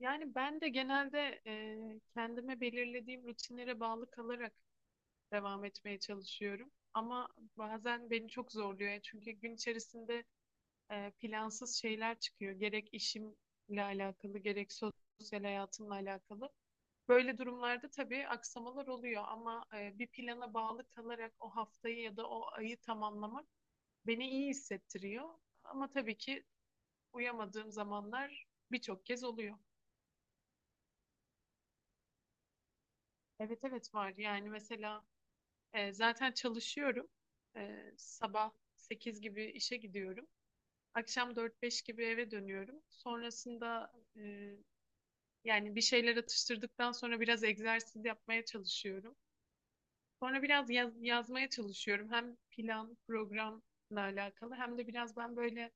Yani ben de genelde kendime belirlediğim rutinlere bağlı kalarak devam etmeye çalışıyorum. Ama bazen beni çok zorluyor. Yani çünkü gün içerisinde plansız şeyler çıkıyor. Gerek işimle alakalı, gerek sosyal hayatımla alakalı. Böyle durumlarda tabii aksamalar oluyor ama bir plana bağlı kalarak o haftayı ya da o ayı tamamlamak beni iyi hissettiriyor. Ama tabii ki uyamadığım zamanlar birçok kez oluyor. Evet, evet, var. Yani mesela zaten çalışıyorum. Sabah 8 gibi işe gidiyorum. Akşam 4-5 gibi eve dönüyorum. Sonrasında e, yani bir şeyler atıştırdıktan sonra biraz egzersiz yapmaya çalışıyorum. Sonra biraz yazmaya çalışıyorum. Hem plan, programla alakalı hem de biraz ben böyle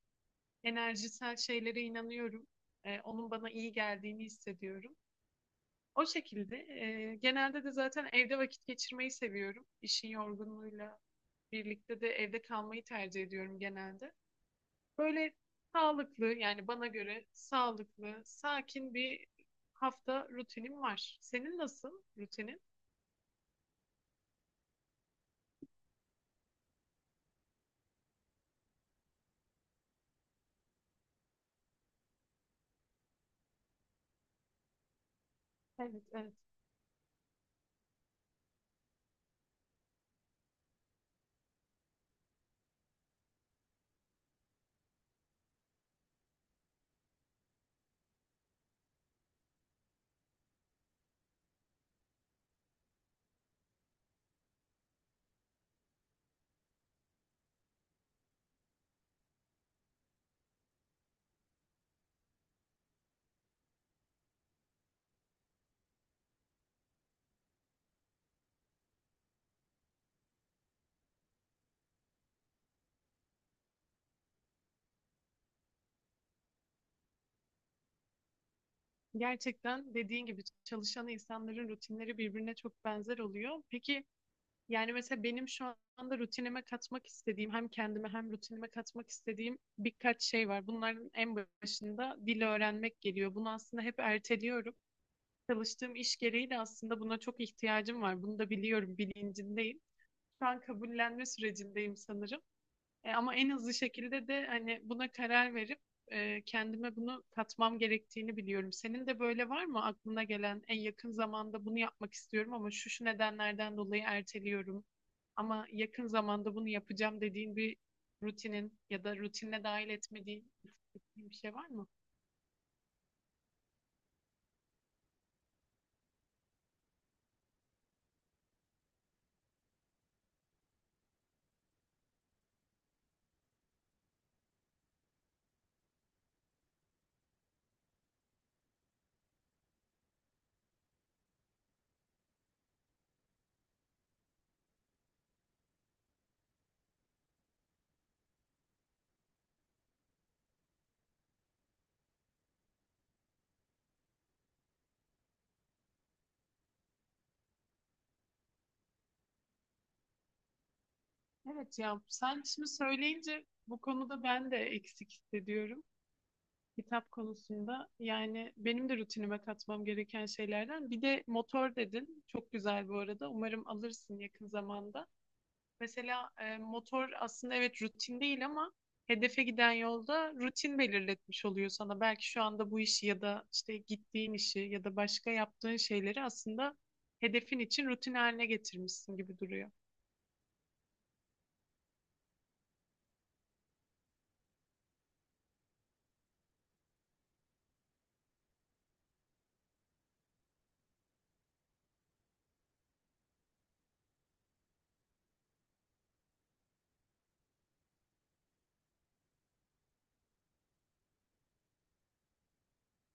enerjisel şeylere inanıyorum. Onun bana iyi geldiğini hissediyorum. O şekilde. Genelde de zaten evde vakit geçirmeyi seviyorum. İşin yorgunluğuyla birlikte de evde kalmayı tercih ediyorum genelde. Böyle sağlıklı yani bana göre sağlıklı, sakin bir hafta rutinim var. Senin nasıl rutinin? Evet, evet. Gerçekten dediğin gibi çalışan insanların rutinleri birbirine çok benzer oluyor. Peki yani mesela benim şu anda rutinime katmak istediğim hem kendime hem rutinime katmak istediğim birkaç şey var. Bunların en başında dil öğrenmek geliyor. Bunu aslında hep erteliyorum. Çalıştığım iş gereği de aslında buna çok ihtiyacım var. Bunu da biliyorum, bilincindeyim. Şu an kabullenme sürecindeyim sanırım. Ama en hızlı şekilde de hani buna karar verip kendime bunu katmam gerektiğini biliyorum. Senin de böyle var mı aklına gelen en yakın zamanda bunu yapmak istiyorum ama şu şu nedenlerden dolayı erteliyorum. Ama yakın zamanda bunu yapacağım dediğin bir rutinin ya da rutinine dahil etmediğin bir şey var mı? Evet ya sen şimdi söyleyince bu konuda ben de eksik hissediyorum. Kitap konusunda yani benim de rutinime katmam gereken şeylerden. Bir de motor dedin. Çok güzel bu arada. Umarım alırsın yakın zamanda. Mesela motor aslında evet rutin değil ama hedefe giden yolda rutin belirletmiş oluyor sana. Belki şu anda bu işi ya da işte gittiğin işi ya da başka yaptığın şeyleri aslında hedefin için rutin haline getirmişsin gibi duruyor.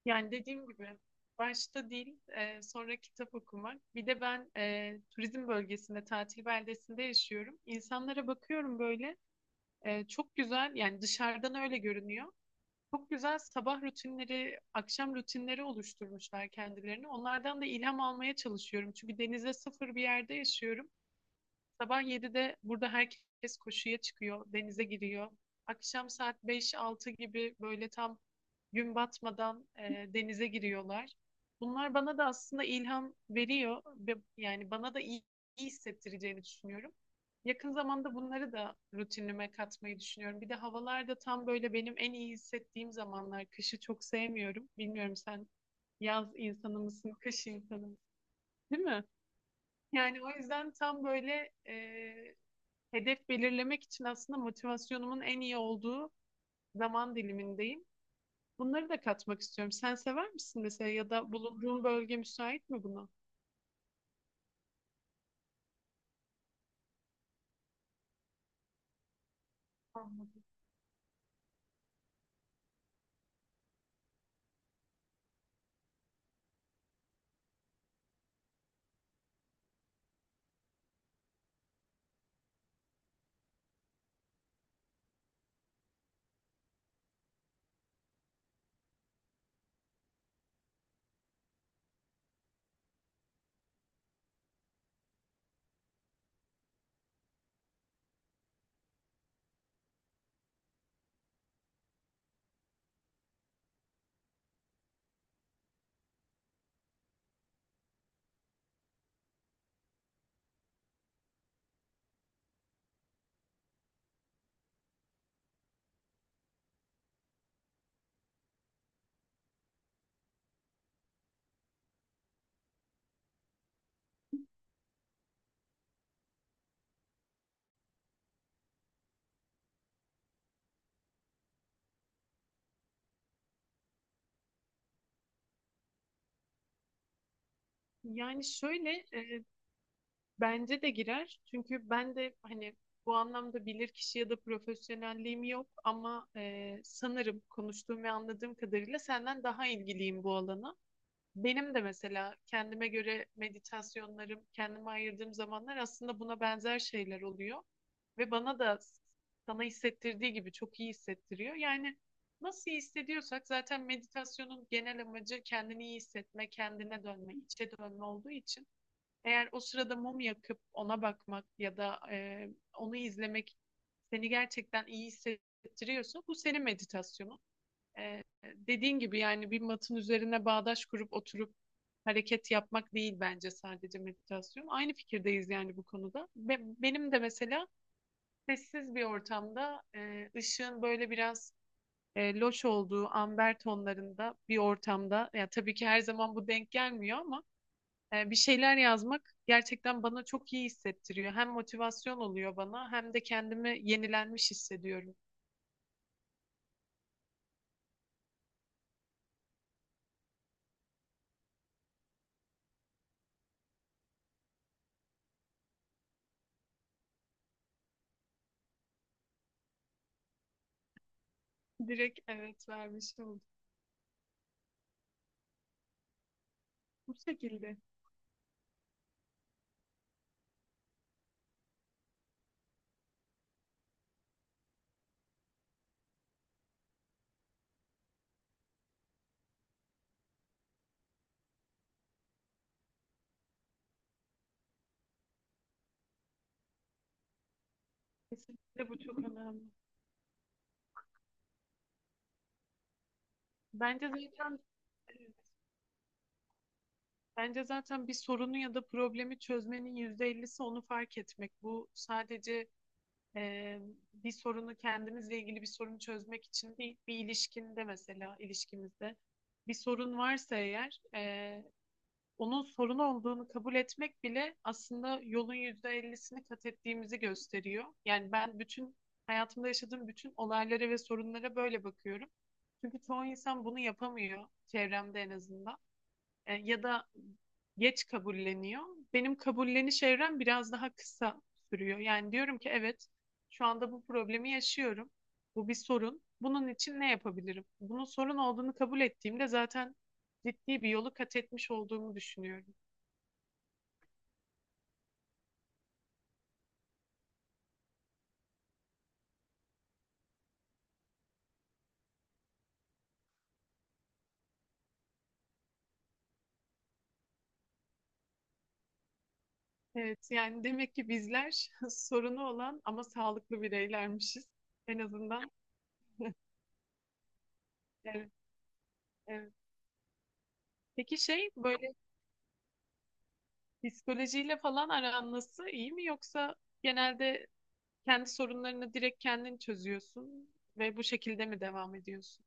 Yani dediğim gibi başta değil sonra kitap okumak. Bir de ben turizm bölgesinde tatil beldesinde yaşıyorum. İnsanlara bakıyorum böyle çok güzel yani dışarıdan öyle görünüyor. Çok güzel sabah rutinleri, akşam rutinleri oluşturmuşlar kendilerini. Onlardan da ilham almaya çalışıyorum. Çünkü denize sıfır bir yerde yaşıyorum. Sabah 7'de burada herkes koşuya çıkıyor, denize giriyor. Akşam saat 5-6 gibi böyle tam gün batmadan denize giriyorlar. Bunlar bana da aslında ilham veriyor ve yani bana da iyi, iyi hissettireceğini düşünüyorum. Yakın zamanda bunları da rutinime katmayı düşünüyorum. Bir de havalar da tam böyle benim en iyi hissettiğim zamanlar. Kışı çok sevmiyorum. Bilmiyorum sen yaz insanı mısın, kış insanı mısın, değil mi? Yani o yüzden tam böyle hedef belirlemek için aslında motivasyonumun en iyi olduğu zaman dilimindeyim. Bunları da katmak istiyorum. Sen sever misin mesela ya da bulunduğun bölge müsait mi buna? Anladım. Yani şöyle bence de girer. Çünkü ben de hani bu anlamda bilirkişi ya da profesyonelliğim yok ama sanırım konuştuğum ve anladığım kadarıyla senden daha ilgiliyim bu alana. Benim de mesela kendime göre meditasyonlarım, kendime ayırdığım zamanlar aslında buna benzer şeyler oluyor. Ve bana da sana hissettirdiği gibi çok iyi hissettiriyor. Yani nasıl iyi hissediyorsak zaten meditasyonun genel amacı kendini iyi hissetme, kendine dönme, içe dönme olduğu için eğer o sırada mum yakıp ona bakmak ya da onu izlemek seni gerçekten iyi hissettiriyorsa bu senin meditasyonun. Ee, dediğin gibi yani bir matın üzerine bağdaş kurup oturup hareket yapmak değil bence sadece meditasyon. Aynı fikirdeyiz yani bu konuda. Benim de mesela sessiz bir ortamda ışığın böyle biraz loş olduğu amber tonlarında bir ortamda ya tabii ki her zaman bu denk gelmiyor ama bir şeyler yazmak gerçekten bana çok iyi hissettiriyor. Hem motivasyon oluyor bana hem de kendimi yenilenmiş hissediyorum. Direkt evet vermiş oldum. Bu şekilde. Kesinlikle bu çok önemli. Bence zaten bence zaten bir sorunu ya da problemi çözmenin %50'si onu fark etmek. Bu sadece e, bir sorunu kendimizle ilgili bir sorunu çözmek için değil, bir ilişkinde mesela ilişkimizde bir sorun varsa eğer onun sorun olduğunu kabul etmek bile aslında yolun %50'sini kat ettiğimizi gösteriyor. Yani ben bütün hayatımda yaşadığım bütün olaylara ve sorunlara böyle bakıyorum. Çünkü çoğu insan bunu yapamıyor çevremde en azından. Ya da geç kabulleniyor. Benim kabulleniş evrem biraz daha kısa sürüyor. Yani diyorum ki evet şu anda bu problemi yaşıyorum. Bu bir sorun. Bunun için ne yapabilirim? Bunun sorun olduğunu kabul ettiğimde zaten ciddi bir yolu kat etmiş olduğumu düşünüyorum. Evet yani demek ki bizler sorunu olan ama sağlıklı bireylermişiz. En azından evet, evet. Peki şey böyle psikolojiyle falan aran nasıl? İyi mi yoksa genelde kendi sorunlarını direkt kendin çözüyorsun ve bu şekilde mi devam ediyorsun?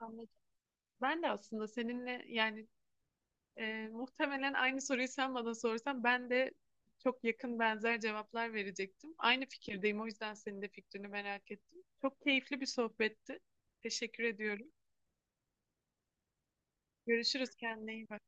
Anladım. Ben de aslında seninle yani muhtemelen aynı soruyu sen bana sorsan ben de çok yakın benzer cevaplar verecektim. Aynı fikirdeyim o yüzden senin de fikrini merak ettim. Çok keyifli bir sohbetti. Teşekkür ediyorum. Görüşürüz kendine iyi bak.